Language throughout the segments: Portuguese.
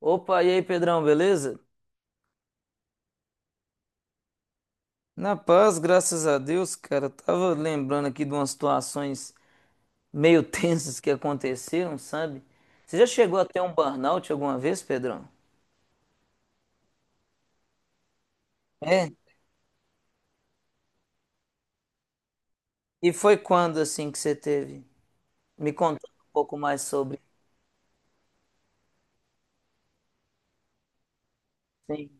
Opa, e aí, Pedrão, beleza? Na paz, graças a Deus, cara. Eu tava lembrando aqui de umas situações meio tensas que aconteceram, sabe? Você já chegou a ter um burnout alguma vez, Pedrão? É? E foi quando, assim, que você teve? Me conta um pouco mais sobre. Sim.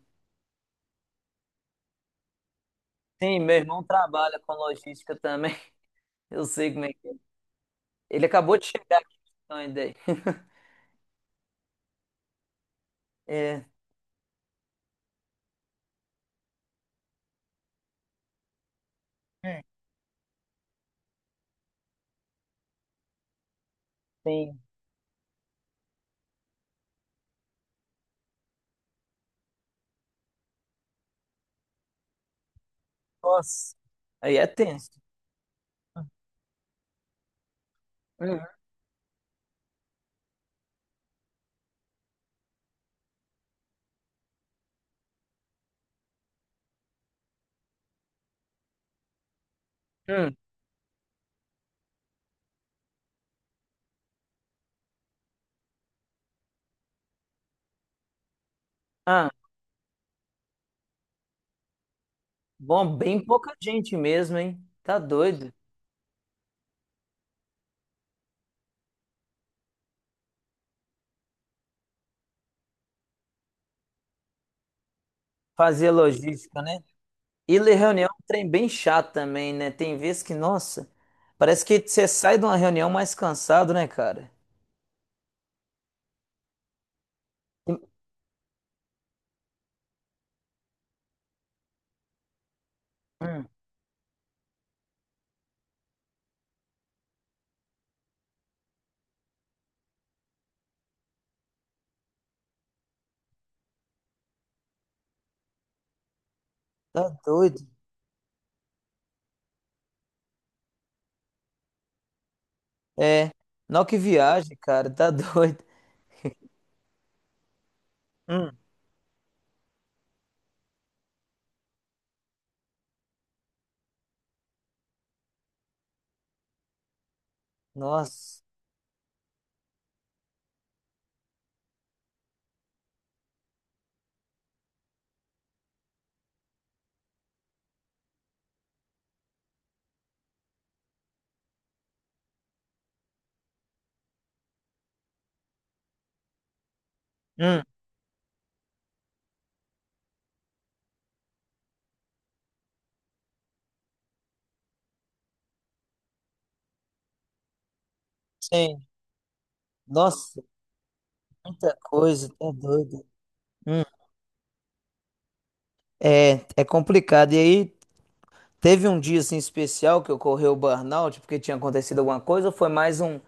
Sim, meu irmão trabalha com logística também. Eu sei como é que é. Ele acabou de chegar aqui, pra você ter uma ideia. É, sim. Nossa. Aí é tenso. Uhum. Hum. Ah. Bom, bem pouca gente mesmo, hein? Tá doido. Fazer logística, né? E ler reunião é um trem bem chato também, né? Tem vezes que, nossa, parece que você sai de uma reunião mais cansado, né, cara? Hum, tá doido. É. Não, que viagem, cara, tá doido. Hum, nossa. Hum, sim. Nossa, muita coisa, tá doido. Hum, é complicado. E aí, teve um dia assim especial que ocorreu o burnout porque tinha acontecido alguma coisa ou foi mais um,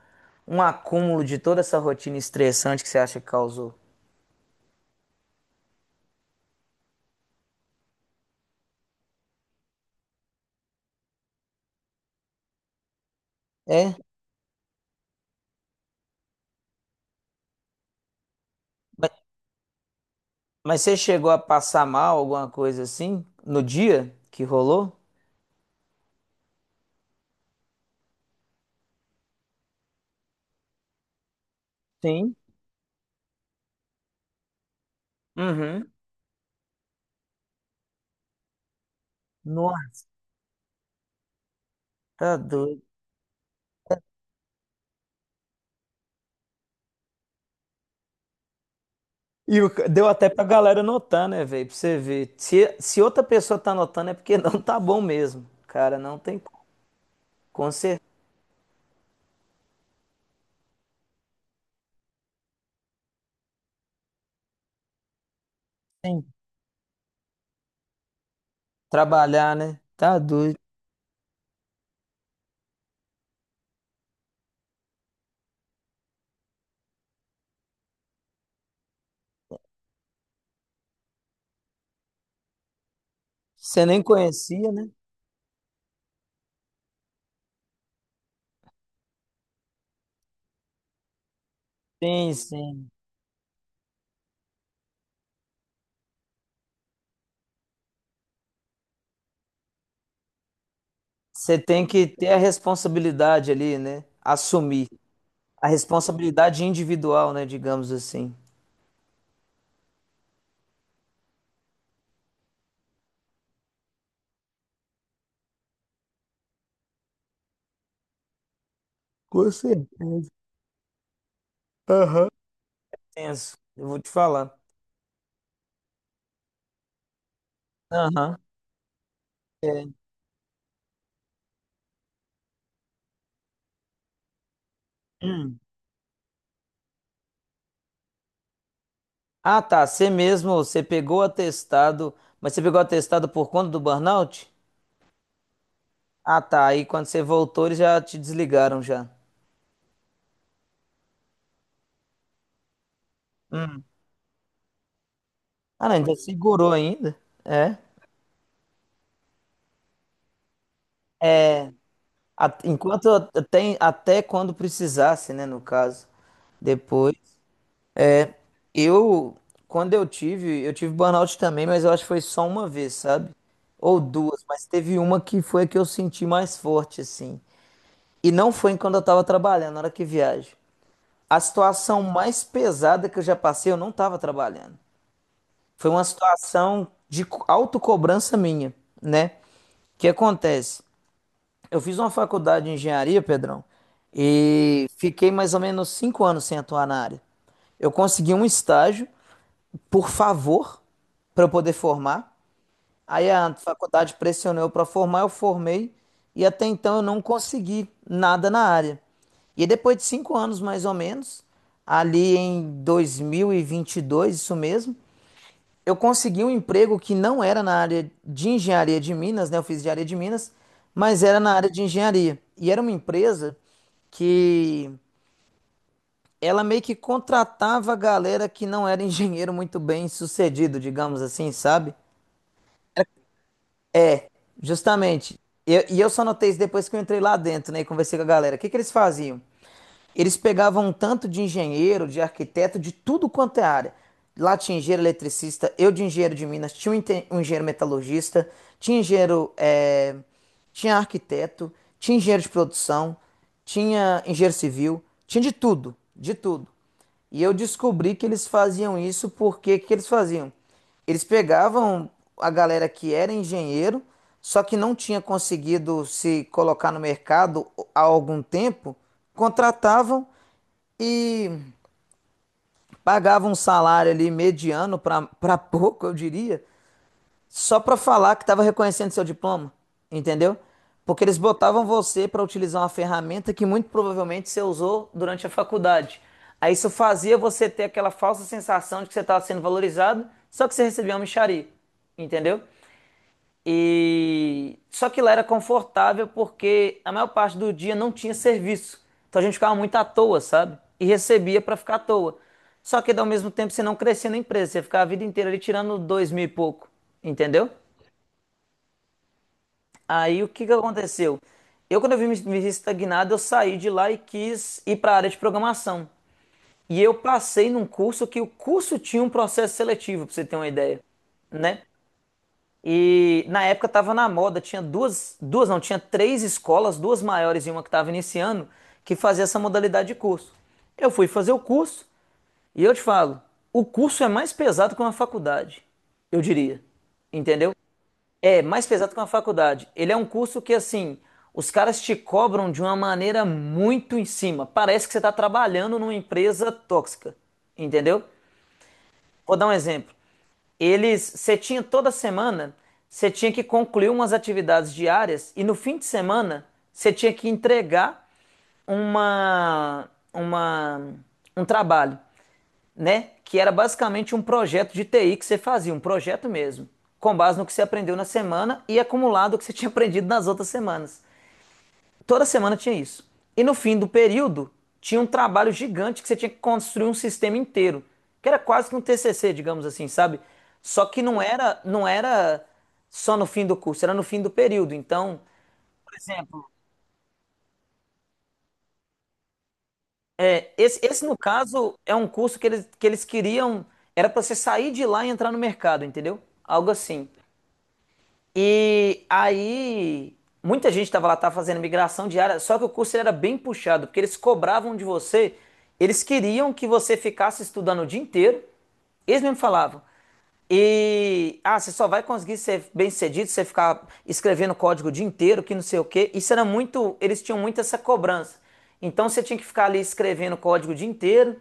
um acúmulo de toda essa rotina estressante que você acha que causou? É? Mas, mas você chegou a passar mal, alguma coisa assim, no dia que rolou? Sim. Uhum. Nossa, tá doido. Deu até pra galera notar, né, velho? Pra você ver. Se outra pessoa tá notando é porque não tá bom mesmo. Cara, não tem como. Com certeza. Trabalhar, né? Tá doido. Você nem conhecia, né? Sim, sim. Você tem que ter a responsabilidade ali, né? Assumir. A responsabilidade individual, né? Digamos assim. Com certeza. Aham. Tenso. Eu vou te falar. Aham. É. Hum. Ah, tá. Você mesmo, você pegou o atestado, mas você pegou o atestado por conta do burnout? Ah, tá. Aí quando você voltou, eles já te desligaram já. Ah, não, ainda segurou ainda. É. Enquanto até quando precisasse, né? No caso. Depois. Eu, quando eu tive burnout também, mas eu acho que foi só uma vez, sabe? Ou duas, mas teve uma que foi a que eu senti mais forte, assim. E não foi quando eu tava trabalhando, na hora que viajo. A situação mais pesada que eu já passei, eu não tava trabalhando. Foi uma situação de autocobrança minha, né? O que acontece? Eu fiz uma faculdade de engenharia, Pedrão, e fiquei mais ou menos 5 anos sem atuar na área. Eu consegui um estágio por favor, para eu poder formar. Aí a faculdade pressionou para formar, eu formei e até então eu não consegui nada na área. E depois de 5 anos mais ou menos, ali em dois mil e vinte e dois isso mesmo, eu consegui um emprego que não era na área de engenharia de Minas, né? Eu fiz engenharia de Minas, mas era na área de engenharia. E era uma empresa que ela meio que contratava a galera que não era engenheiro muito bem sucedido, digamos assim, sabe? Justamente. E eu só notei isso depois que eu entrei lá dentro, né, e conversei com a galera. O que que eles faziam? Eles pegavam um tanto de engenheiro, de arquiteto, de tudo quanto é área. Lá tinha engenheiro eletricista, eu de engenheiro de Minas, tinha um engenheiro metalurgista, tinha engenheiro, tinha arquiteto, tinha engenheiro de produção, tinha engenheiro civil, tinha de tudo, de tudo. E eu descobri que eles faziam isso porque que eles faziam? Eles pegavam a galera que era engenheiro, só que não tinha conseguido se colocar no mercado há algum tempo, contratavam e pagavam um salário ali mediano para pouco, eu diria, só para falar que tava reconhecendo seu diploma, entendeu? Porque eles botavam você para utilizar uma ferramenta que muito provavelmente você usou durante a faculdade. Aí isso fazia você ter aquela falsa sensação de que você estava sendo valorizado, só que você recebia uma mixaria, entendeu? E só que lá era confortável porque a maior parte do dia não tinha serviço. Então a gente ficava muito à toa, sabe? E recebia para ficar à toa. Só que ao mesmo tempo você não crescia na empresa, você ficava a vida inteira ali tirando dois mil e pouco, entendeu? Aí o que que aconteceu? Quando eu me vi estagnado, eu saí de lá e quis ir para a área de programação. E eu passei num curso que o curso tinha um processo seletivo, para você ter uma ideia, né? E na época estava na moda, tinha duas, duas não, tinha três escolas, duas maiores e uma que estava iniciando, que fazia essa modalidade de curso. Eu fui fazer o curso e eu te falo, o curso é mais pesado que uma faculdade, eu diria. Entendeu? É mais pesado que uma faculdade. Ele é um curso que, assim, os caras te cobram de uma maneira muito em cima. Parece que você está trabalhando numa empresa tóxica, entendeu? Vou dar um exemplo. Você tinha toda semana, você tinha que concluir umas atividades diárias e no fim de semana você tinha que entregar uma, uma, um trabalho, né? Que era basicamente um projeto de TI que você fazia, um projeto mesmo, com base no que você aprendeu na semana e acumulado o que você tinha aprendido nas outras semanas. Toda semana tinha isso. E no fim do período, tinha um trabalho gigante que você tinha que construir um sistema inteiro, que era quase que um TCC, digamos assim, sabe? Só que não era só no fim do curso, era no fim do período. Então, por exemplo, esse no caso é um curso que eles queriam, era para você sair de lá e entrar no mercado, entendeu? Algo assim. E aí, muita gente estava lá, estava fazendo migração diária, só que o curso ele era bem puxado, porque eles cobravam de você, eles queriam que você ficasse estudando o dia inteiro, eles mesmo falavam. E, você só vai conseguir ser bem-sucedido se você ficar escrevendo código o dia inteiro, que não sei o quê. Isso era muito, eles tinham muito essa cobrança. Então você tinha que ficar ali escrevendo código o dia inteiro.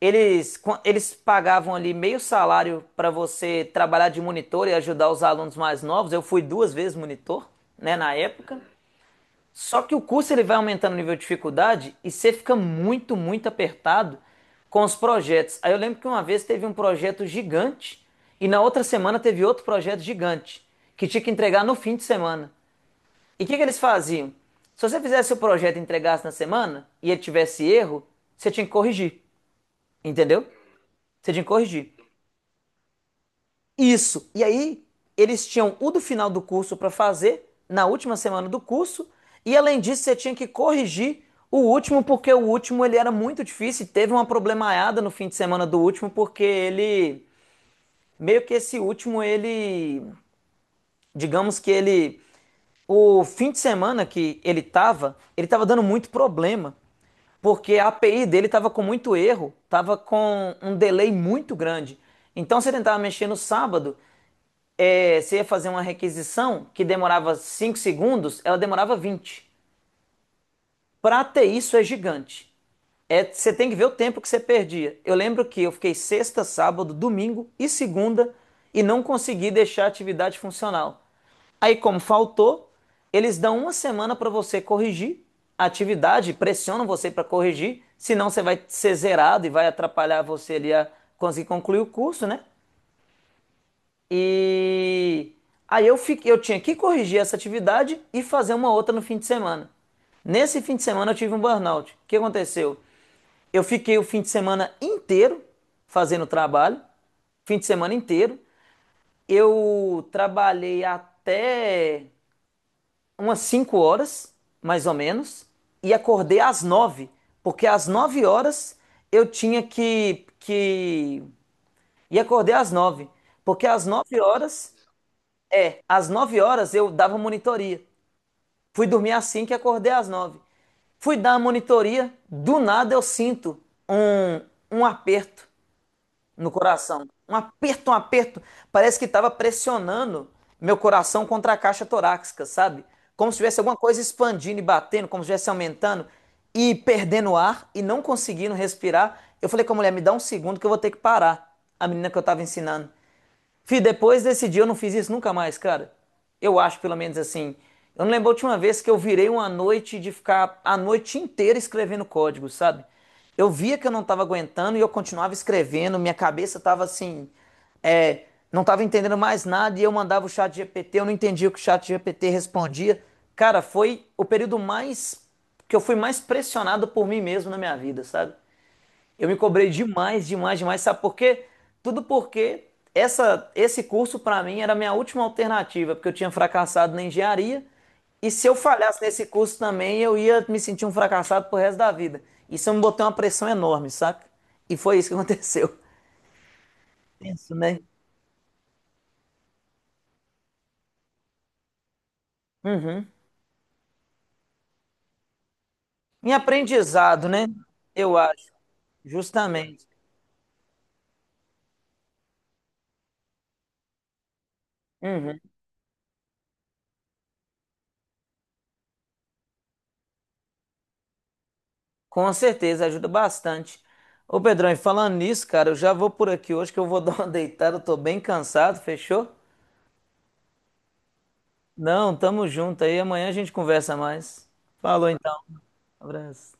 Eles pagavam ali meio salário para você trabalhar de monitor e ajudar os alunos mais novos. Eu fui duas vezes monitor, né, na época. Só que o curso ele vai aumentando o nível de dificuldade e você fica muito, muito apertado com os projetos. Aí eu lembro que uma vez teve um projeto gigante e na outra semana teve outro projeto gigante que tinha que entregar no fim de semana. E o que que eles faziam? Se você fizesse o projeto e entregasse na semana e ele tivesse erro, você tinha que corrigir, entendeu? Você tinha que corrigir. Isso. E aí, eles tinham o do final do curso para fazer, na última semana do curso, e além disso, você tinha que corrigir o último, porque o último ele era muito difícil, e teve uma problemaiada no fim de semana do último, porque ele meio que esse último ele, digamos que ele o fim de semana que ele tava, dando muito problema, porque a API dele tava com muito erro, tava com um delay muito grande. Então você tentava mexer no sábado, você ia fazer uma requisição que demorava 5 segundos, ela demorava 20. Para ter isso é gigante. É, você tem que ver o tempo que você perdia. Eu lembro que eu fiquei sexta, sábado, domingo e segunda e não consegui deixar a atividade funcional. Aí, como faltou, eles dão uma semana para você corrigir a atividade, pressionam você para corrigir, senão você vai ser zerado e vai atrapalhar você ali a conseguir concluir o curso, né? E aí eu fiquei, eu tinha que corrigir essa atividade e fazer uma outra no fim de semana. Nesse fim de semana eu tive um burnout. O que aconteceu? Eu fiquei o fim de semana inteiro fazendo trabalho, fim de semana inteiro. Eu trabalhei até umas 5 horas, mais ou menos, e acordei às 9 porque às 9 horas eu tinha que e acordei às 9 porque às nove horas eu dava monitoria. Fui dormir às 5 e acordei às 9. Fui dar a monitoria, do nada eu sinto um, um aperto no coração. Um aperto, um aperto. Parece que estava pressionando meu coração contra a caixa torácica, sabe? Como se tivesse alguma coisa expandindo e batendo, como se estivesse aumentando e perdendo ar e não conseguindo respirar. Eu falei com a mulher: me dá um segundo que eu vou ter que parar. A menina que eu estava ensinando. Fih, depois desse dia eu não fiz isso nunca mais, cara. Eu acho, pelo menos assim. Eu não lembro a última vez que eu virei uma noite de ficar a noite inteira escrevendo código, sabe? Eu via que eu não estava aguentando e eu continuava escrevendo, minha cabeça estava assim, é, não estava entendendo mais nada e eu mandava o chat GPT, eu não entendia o que o chat GPT respondia. Cara, foi o período mais que eu fui mais pressionado por mim mesmo na minha vida, sabe? Eu me cobrei demais, demais, demais, sabe por quê? Tudo porque esse curso para mim era a minha última alternativa, porque eu tinha fracassado na engenharia, e se eu falhasse nesse curso também, eu ia me sentir um fracassado pro resto da vida. Isso me botou uma pressão enorme, saca? E foi isso que aconteceu. Penso, né? Em aprendizado, né? Eu acho, justamente. Com certeza, ajuda bastante. Ô Pedrão, e falando nisso, cara, eu já vou por aqui hoje que eu vou dar uma deitada, eu tô bem cansado, fechou? Não, tamo junto aí. Amanhã a gente conversa mais. Falou então. Abraço.